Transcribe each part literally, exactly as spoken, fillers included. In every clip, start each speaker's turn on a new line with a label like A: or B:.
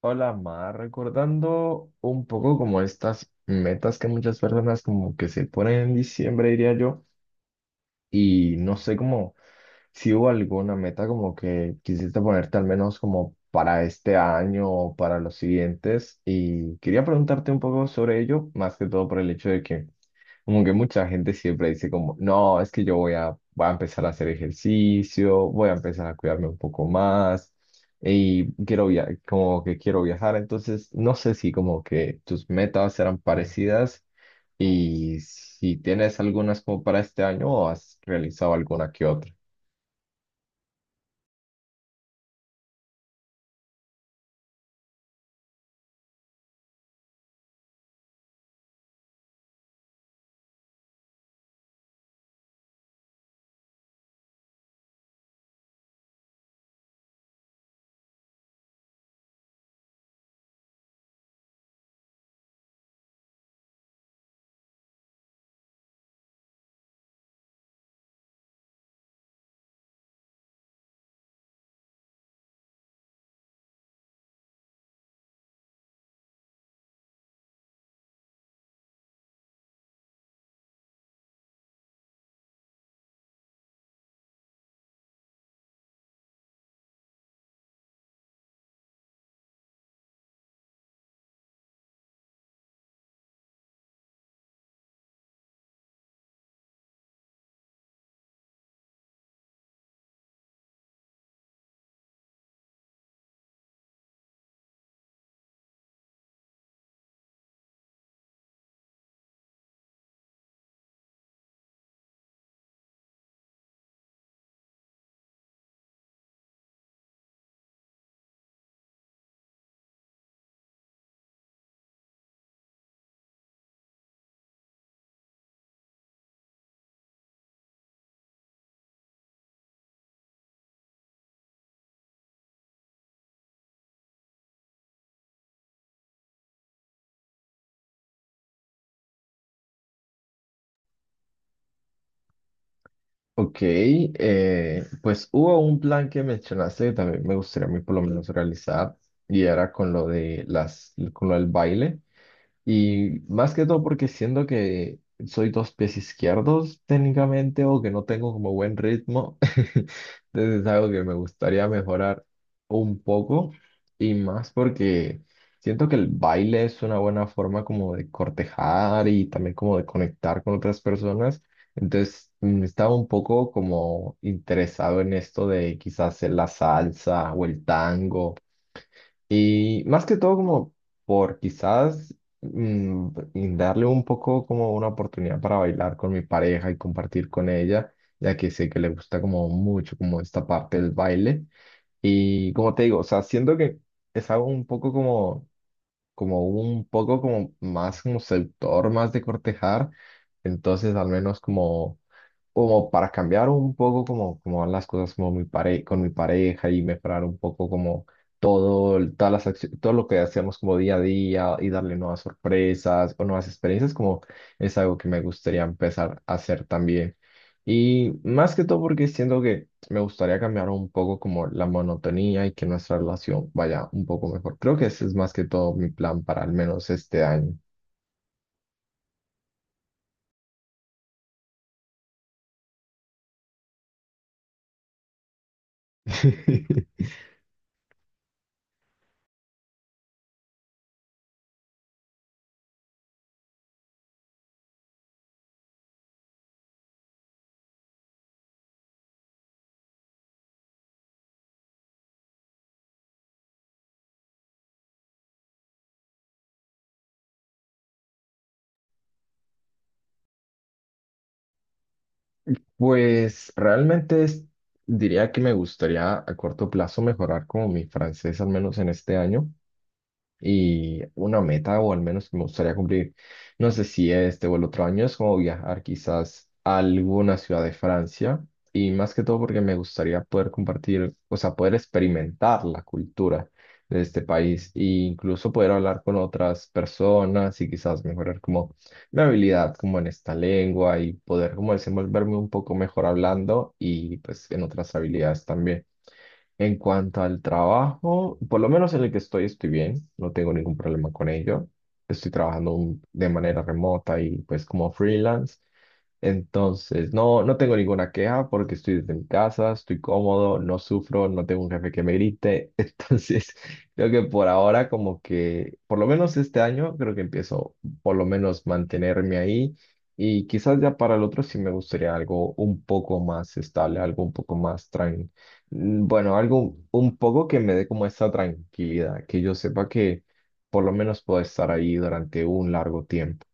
A: Hola, Mar, recordando un poco como estas metas que muchas personas como que se ponen en diciembre, diría yo, y no sé cómo, si hubo alguna meta como que quisiste ponerte al menos como para este año o para los siguientes, y quería preguntarte un poco sobre ello, más que todo por el hecho de que como que mucha gente siempre dice como, no, es que yo voy a, voy a empezar a hacer ejercicio, voy a empezar a cuidarme un poco más y quiero via como que quiero viajar. Entonces, no sé si como que tus metas eran parecidas y si tienes algunas como para este año o has realizado alguna que otra. Ok, eh, pues hubo un plan que mencionaste que también me gustaría a mí por lo menos realizar y era con lo de las, con lo del baile. Y más que todo porque siento que soy dos pies izquierdos técnicamente o que no tengo como buen ritmo. Entonces es algo que me gustaría mejorar un poco y más porque siento que el baile es una buena forma como de cortejar y también como de conectar con otras personas. Entonces mm, estaba un poco como interesado en esto de quizás hacer la salsa o el tango y más que todo como por quizás, mm, y darle un poco como una oportunidad para bailar con mi pareja y compartir con ella, ya que sé que le gusta como mucho como esta parte del baile. Y como te digo, o sea, siento que es algo un poco como, como un poco como más como seductor, más de cortejar. Entonces al menos como como para cambiar un poco como, como van las cosas como mi pare con mi pareja y mejorar un poco como todo, el- todas las acci- todo lo que hacemos como día a día y darle nuevas sorpresas o nuevas experiencias, como es algo que me gustaría empezar a hacer también. Y más que todo porque siento que me gustaría cambiar un poco como la monotonía y que nuestra relación vaya un poco mejor. Creo que ese es más que todo mi plan para al menos este año. Pues realmente es- diría que me gustaría a corto plazo mejorar como mi francés, al menos en este año, y una meta, o al menos que me gustaría cumplir, no sé si este o el otro año, es como viajar quizás a alguna ciudad de Francia, y más que todo porque me gustaría poder compartir, o sea, poder experimentar la cultura de este país e incluso poder hablar con otras personas y quizás mejorar como mi habilidad como en esta lengua y poder como desenvolverme un poco mejor hablando y pues en otras habilidades también. En cuanto al trabajo, por lo menos en el que estoy, estoy bien, no tengo ningún problema con ello. Estoy trabajando un- de manera remota y pues como freelance. Entonces, no, no tengo ninguna queja porque estoy desde mi casa, estoy cómodo, no sufro, no tengo un jefe que me grite. Entonces, creo que por ahora como que, por lo menos este año, creo que empiezo por lo menos mantenerme ahí y quizás ya para el otro sí me gustaría algo un poco más estable, algo un poco más tranquilo. Mm, Bueno, algo un poco que me dé como esa tranquilidad, que yo sepa que por lo menos puedo estar ahí durante un largo tiempo.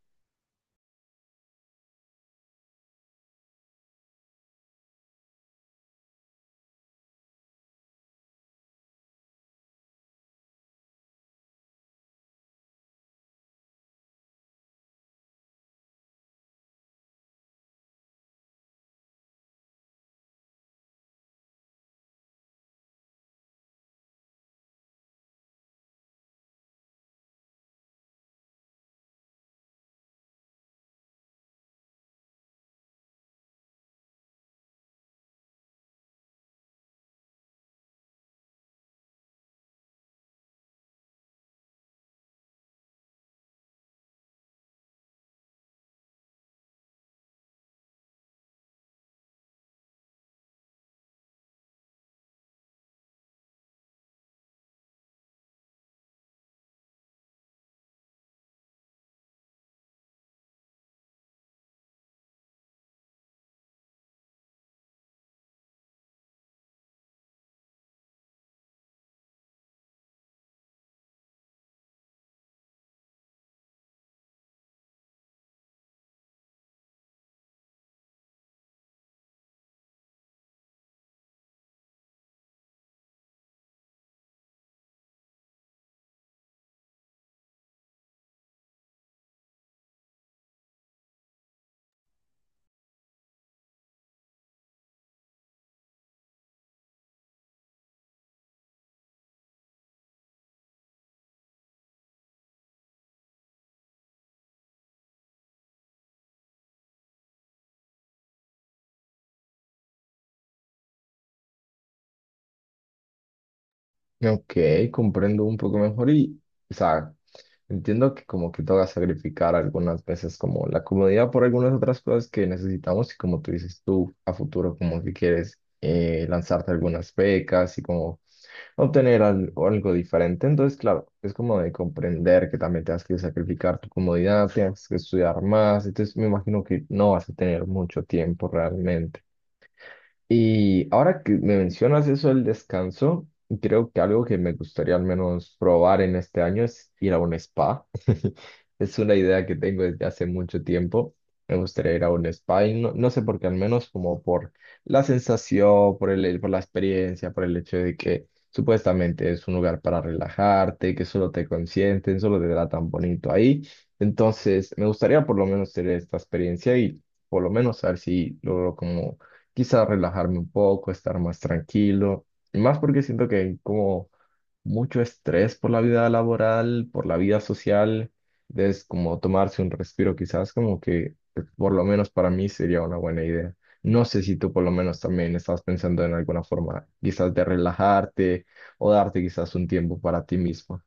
A: Ok, comprendo un poco mejor y, o sea, entiendo que como que toca sacrificar algunas veces como la comodidad por algunas otras cosas que necesitamos, y como tú dices tú, a futuro como que quieres, eh, lanzarte algunas becas y como obtener al- algo diferente. Entonces, claro, es como de comprender que también tienes que sacrificar tu comodidad, tienes que estudiar más. Entonces, me imagino que no vas a tener mucho tiempo realmente. Y ahora que me mencionas eso del descanso, creo que algo que me gustaría al menos probar en este año es ir a un spa. Es una idea que tengo desde hace mucho tiempo. Me gustaría ir a un spa y no, no sé por qué, al menos como por la sensación, por el, por la experiencia, por el hecho de que supuestamente es un lugar para relajarte, que solo te consienten, solo te tratan bonito ahí. Entonces, me gustaría por lo menos tener esta experiencia y por lo menos saber si logro como quizá relajarme un poco, estar más tranquilo, y más porque siento que hay como mucho estrés por la vida laboral, por la vida social, es como tomarse un respiro quizás, como que eh, por lo menos para mí sería una buena idea. No sé si tú por lo menos también estás pensando en alguna forma quizás de relajarte o darte quizás un tiempo para ti mismo.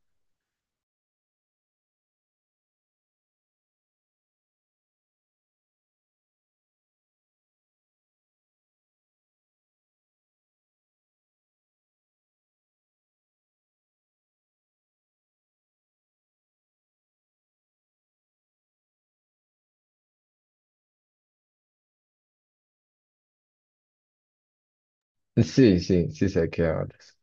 A: Sí, sí, sí sé de qué hablas.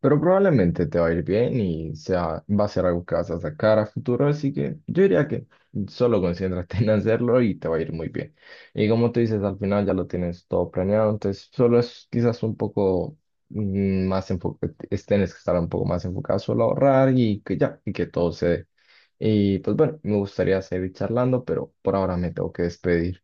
A: Pero probablemente te va a ir bien y sea, va a ser algo que vas a sacar a futuro, así que yo diría que solo concéntrate en hacerlo y te va a ir muy bien. Y como tú dices, al final ya lo tienes todo planeado, entonces solo es quizás un poco mm, más enfocado, tienes que estar un poco más enfocado solo a ahorrar y que ya, y que todo se dé. Y pues bueno, me gustaría seguir charlando, pero por ahora me tengo que despedir.